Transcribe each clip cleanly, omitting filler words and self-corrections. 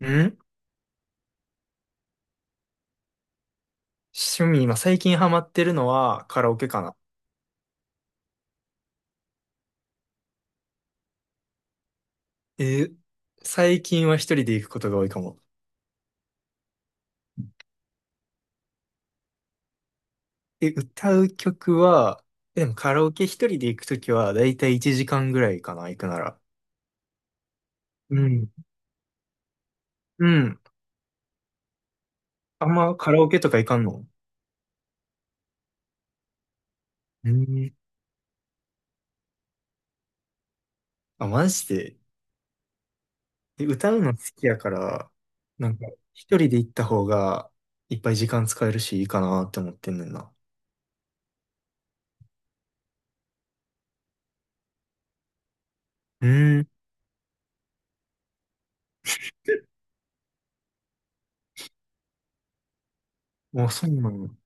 ん、趣味、今最近ハマってるのはカラオケかな。え、最近は一人で行くことが多いかも。え、歌う曲は、でもカラオケ一人で行くときはだいたい1時間ぐらいかな、行くなら。うん。うん。あんまカラオケとか行かんの？うん。あ、マジで。え、歌うの好きやから、なんか一人で行った方がいっぱい時間使えるしいいかなって思ってんねんな。うん。もうそうなの？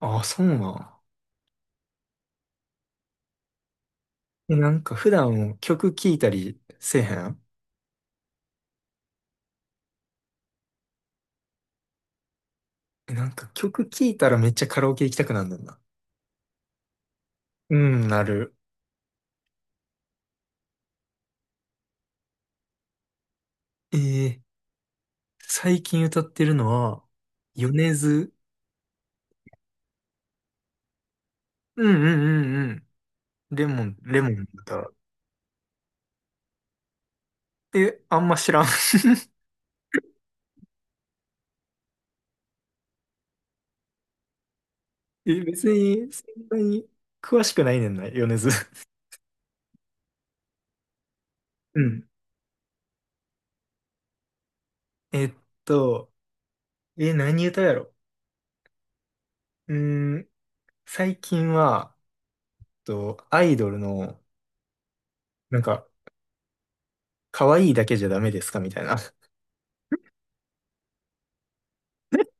あ、そうなの？え、なんか普段曲聴いたりせえへん？え、なんか曲聴いたらめっちゃカラオケ行きたくなんだんな。うん、なる。えー、最近歌ってるのは、米津。うんうんうんうん。レモン、レモンの歌。え、あんま知らん。え、別に、そんなに詳しくないねんな、米津。うん。えっと、え、何歌やろ？うーん、最近は、アイドルの、なんか、可愛いだけじゃダメですかみたいな。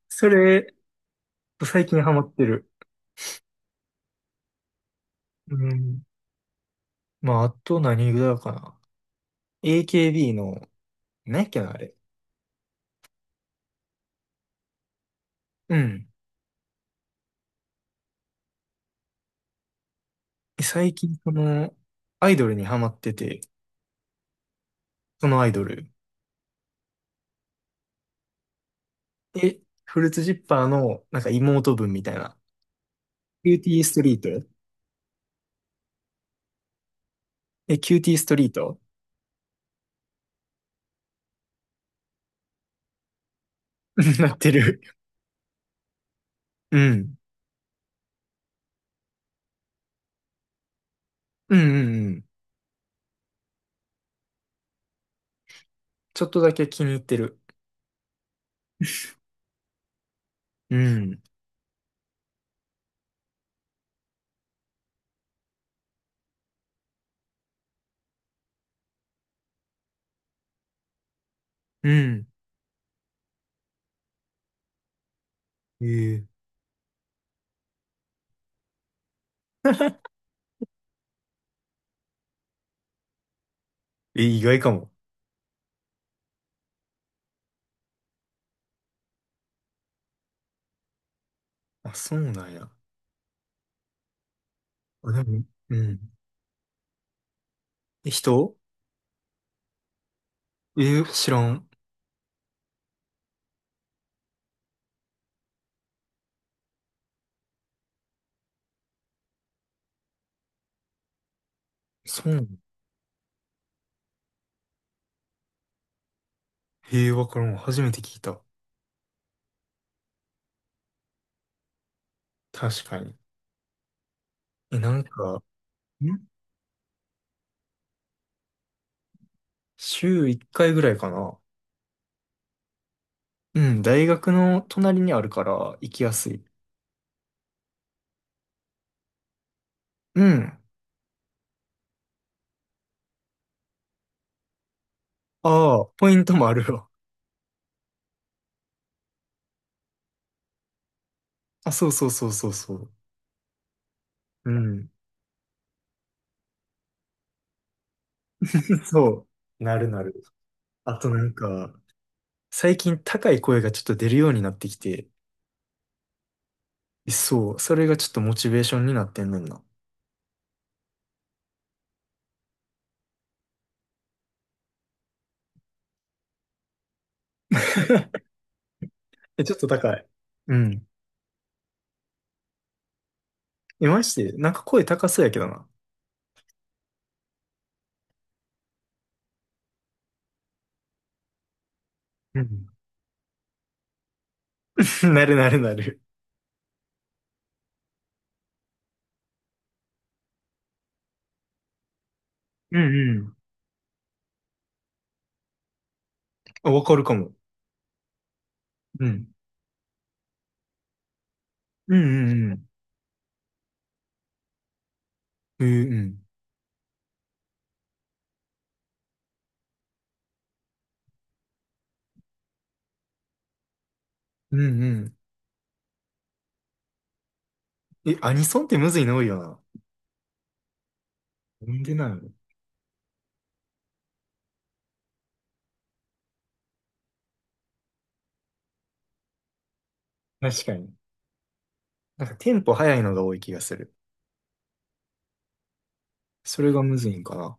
それ、と最近ハマってる。うん。まあ、あと何ぐらいかな。AKB の、何やっけな、あれ。うん。最近、その、アイドルにハマってて、そのアイドル。え、フルーツジッパーの、なんか妹分みたいな。キューティーストリート。え、キューティーストリート。 なってる。うん。うんうんうん。ちょっとだけ気に入ってる。うん。うん。ええ、え、意外かも。あ、そうなんや。あ、でも、うん。え、人？え、知らん。そう。へえ、わからん。初めて聞いた。確かに。え、なんか、ん、週1回ぐらいかな。うん、大学の隣にあるから行きやすい。うん。ああ、ポイントもあるよ。あ、そうそうそうそうそう。うん。そう。なるなる。あとなんか、最近高い声がちょっと出るようになってきて、そう、それがちょっとモチベーションになってんねんな。え、ちょっと高い。うん。え、まして、なんか声高そうやけどな。うん。なるなるなる。うんうん。あ、わかるかも。うん。うんうんうん。うんうん。うんうん。え、アニソンってむずいの多いよな。なんでなの？確かに。なんかテンポ早いのが多い気がする。それがむずいんかな。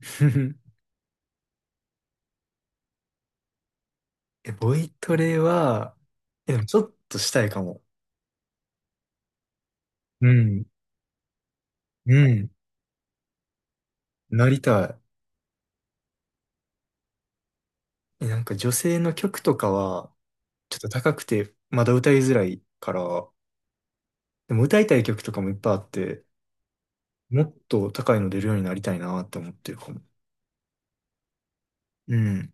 え、ボイトレは、え、でもちょっとしたいかも。うん。うん。なりたい。え、なんか女性の曲とかは、ちょっと高くて、まだ歌いづらいから、でも歌いたい曲とかもいっぱいあって、もっと高いの出るようになりたいなって思ってるかも。うん。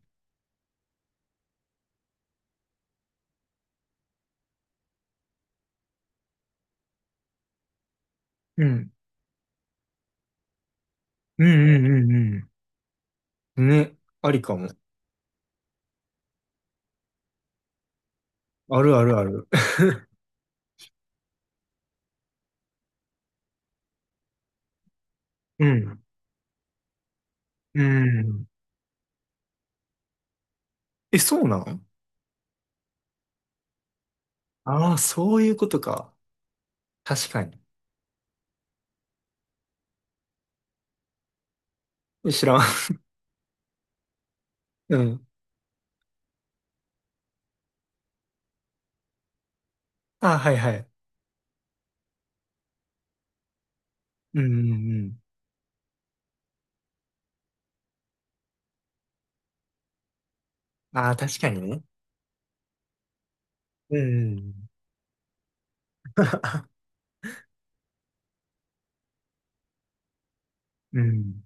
うんうんうんうんうん。ね、ありかも。あるあるある。うん。うん。え、そうなの？ああー、そういうことか。確かに。知らん。うん。ああ、はいはい。うんうんうん。ああ、確かにね。うんうん。うん。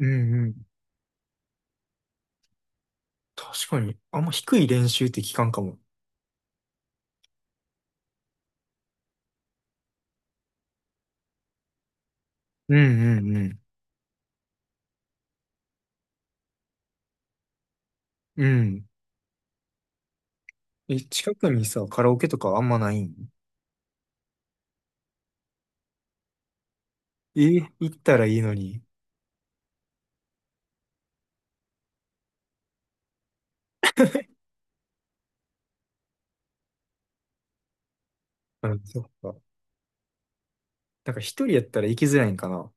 うんうん。確かに。あんま低い練習って聞かんかも。うんうんうん。うん。え、近くにさ、カラオケとかあんまないん？え、行ったらいいのに。うん、そっか。なんか一人やったら行きづらいんかな。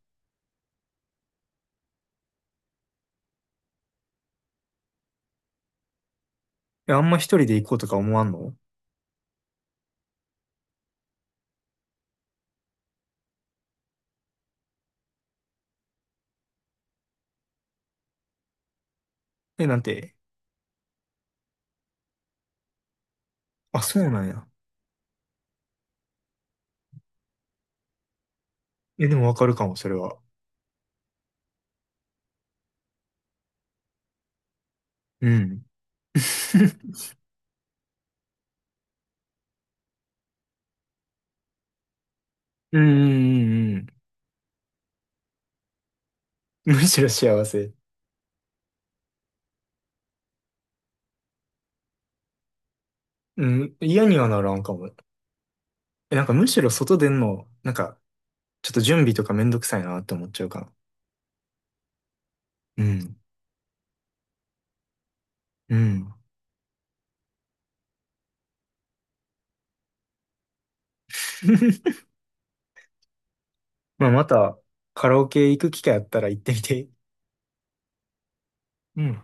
え、あんま一人で行こうとか思わんの？え、なんて。あ、そうなんや。え、でもわかるかも、それは。うん。うんうんうんうん。むしろ幸せ。うん、嫌にはならんかも。え、なんかむしろ外出んの、なんか、ちょっと準備とかめんどくさいなって思っちゃうかな。うん。うん。まあ、また、カラオケ行く機会あったら行ってみて。うん。